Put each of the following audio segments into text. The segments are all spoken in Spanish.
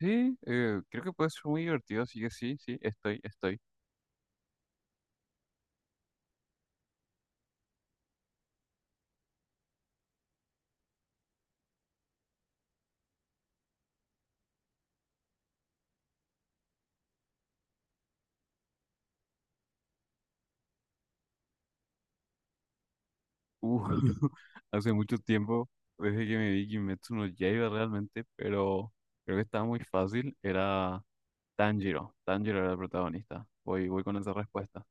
Sí, creo que puede ser muy divertido, así que sí, sí, estoy. Uh, hace mucho tiempo, desde que me vi Kimetsu no Yaiba realmente, pero creo que estaba muy fácil, era Tanjiro era el protagonista. Voy con esa respuesta.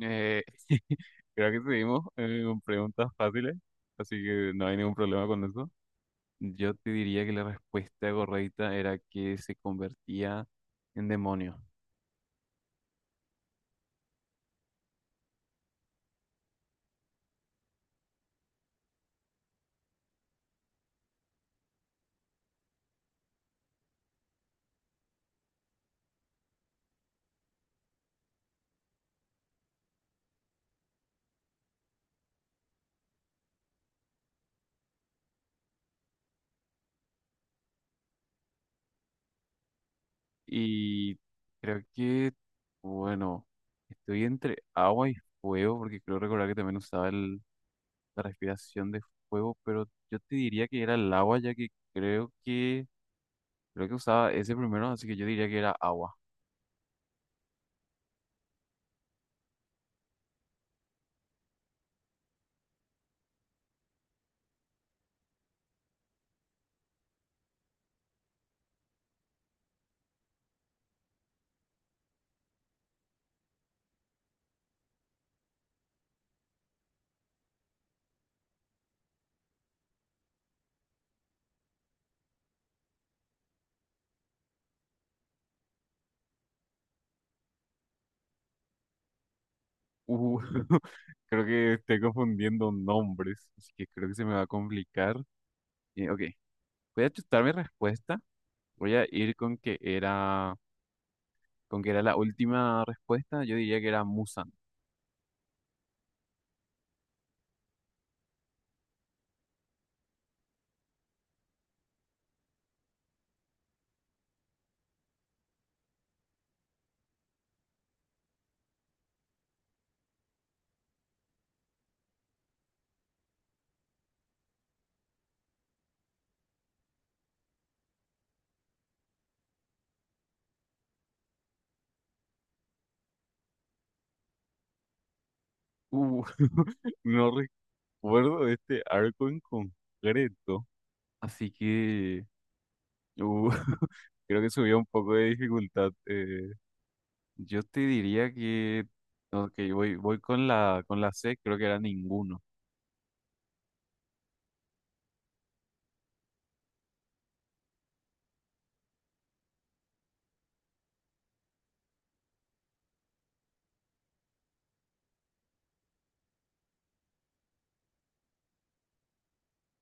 Eh, creo que seguimos con preguntas fáciles, así que no hay ningún problema con eso. Yo te diría que la respuesta correcta era que se convertía en demonio. Y creo que, bueno, estoy entre agua y fuego, porque creo recordar que también usaba la respiración de fuego, pero yo te diría que era el agua, ya que creo que usaba ese primero, así que yo diría que era agua. Uh, creo que estoy confundiendo nombres, así que creo que se me va a complicar. Ok, voy a chutar mi respuesta. Voy a ir con que era la última respuesta. Yo diría que era Musan. Uh, no acuerdo de este arco en concreto, así que uh, creo que subió un poco de dificultad. Yo te diría que, ok, voy con la C, creo que era ninguno.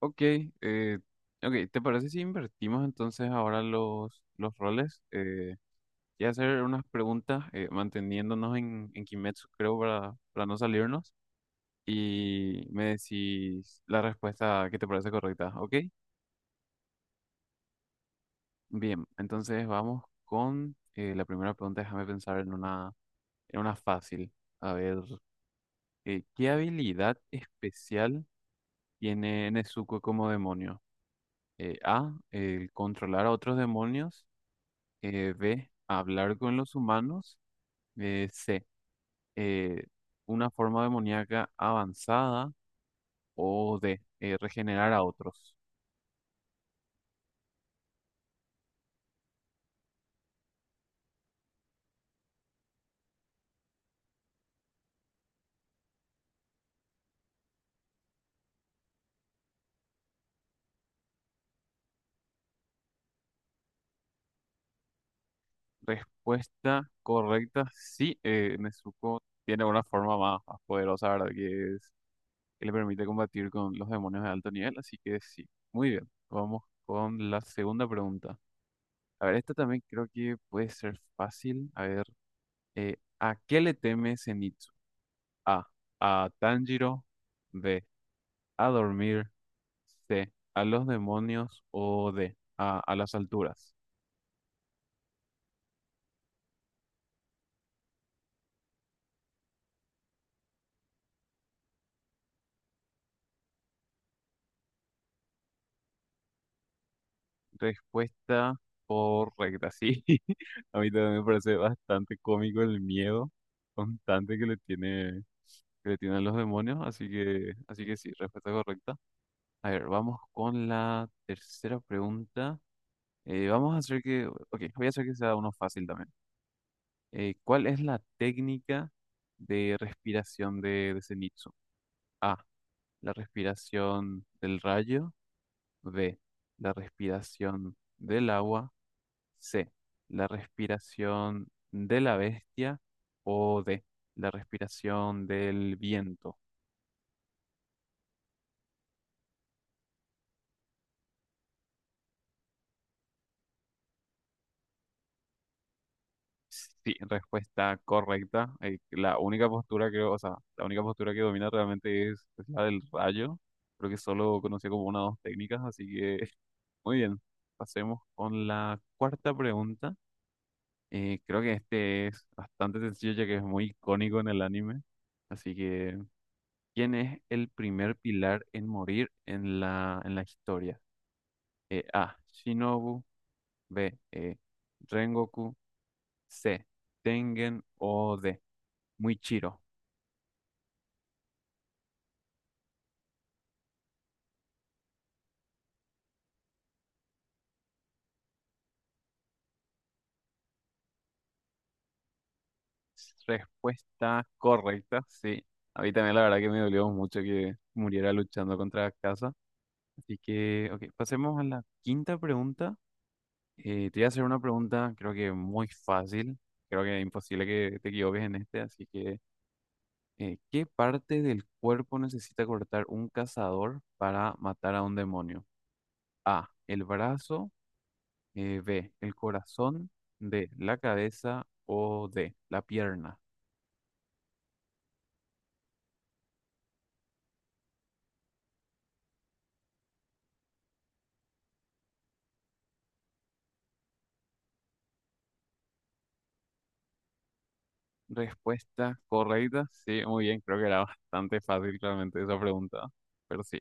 Ok, ok, ¿te parece si invertimos entonces ahora los roles? Y hacer unas preguntas manteniéndonos en Kimetsu, creo, para no salirnos. Y me decís la respuesta que te parece correcta, ¿ok? Bien, entonces vamos con la primera pregunta. Déjame pensar en una fácil. A ver, ¿qué habilidad especial tiene Nezuko como demonio? A, el controlar a otros demonios. B, hablar con los humanos. C, eh, una forma demoníaca avanzada. O D, regenerar a otros. Respuesta correcta, sí, Nezuko tiene una forma más poderosa, ¿verdad? Que es que le permite combatir con los demonios de alto nivel, así que sí, muy bien. Vamos con la segunda pregunta. A ver, esta también creo que puede ser fácil. A ver, ¿a qué le teme Zenitsu? A, a Tanjiro, B, a dormir, C, a los demonios o D, a las alturas. Respuesta correcta, sí. A mí también me parece bastante cómico el miedo constante que le tiene que le tienen los demonios, así que sí, respuesta correcta. A ver, vamos con la tercera pregunta. Vamos a hacer que, Ok, voy a hacer que sea uno fácil también. ¿Cuál es la técnica de respiración de Zenitsu? A, la respiración del rayo. B, la respiración del agua. C, la respiración de la bestia. O D, la respiración del viento. Sí, respuesta correcta. La única postura que, O sea, la única postura que domina realmente es la del rayo. Creo que solo conocía como una o dos técnicas, así que muy bien. Pasemos con la cuarta pregunta. Creo que este es bastante sencillo ya que es muy icónico en el anime. Así que, ¿quién es el primer pilar en morir en en la historia? A. Shinobu. B. Rengoku. C. Tengen o D. Muy chiro. Respuesta correcta, sí. A mí también la verdad que me dolió mucho que muriera luchando contra Casa. Así que, ok, pasemos a la quinta pregunta. Te voy a hacer una pregunta, creo que muy fácil. Creo que es imposible que te equivoques en este. Así que, ¿qué parte del cuerpo necesita cortar un cazador para matar a un demonio? A, el brazo. B, el corazón. D, la cabeza. O D, la pierna. Respuesta correcta. Sí, muy bien. Creo que era bastante fácil realmente esa pregunta. Pero sí.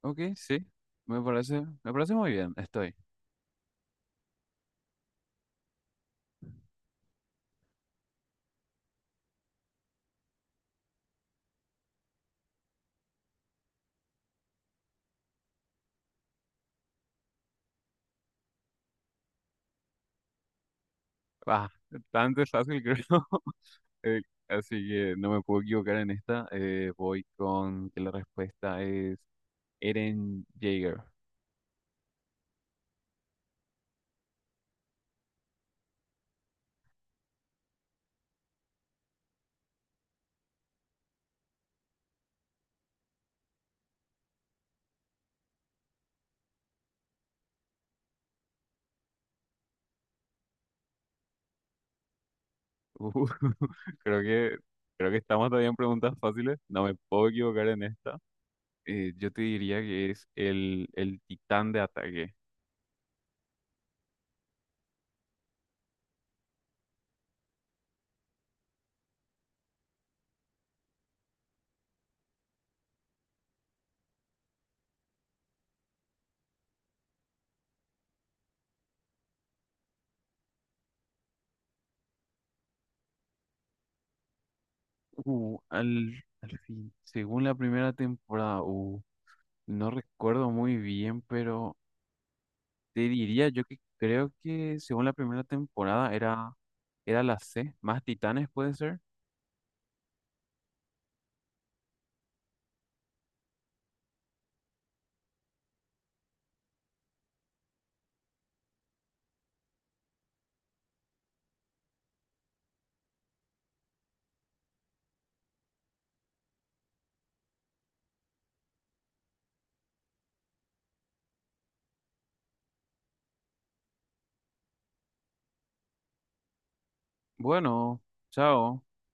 Ok, sí. Me parece muy bien. Estoy. Ah, bastante fácil, creo. Eh, Así que no me puedo equivocar en esta. Voy con que la respuesta es Eren Jaeger. Uh, creo que, creo que estamos todavía en preguntas fáciles. No me puedo equivocar en esta. Yo te diría que es el titán de ataque. Uh, al, Al fin. Según la primera temporada, no recuerdo muy bien, pero te diría yo que creo que según la primera temporada era la C, más Titanes puede ser. Bueno, chao.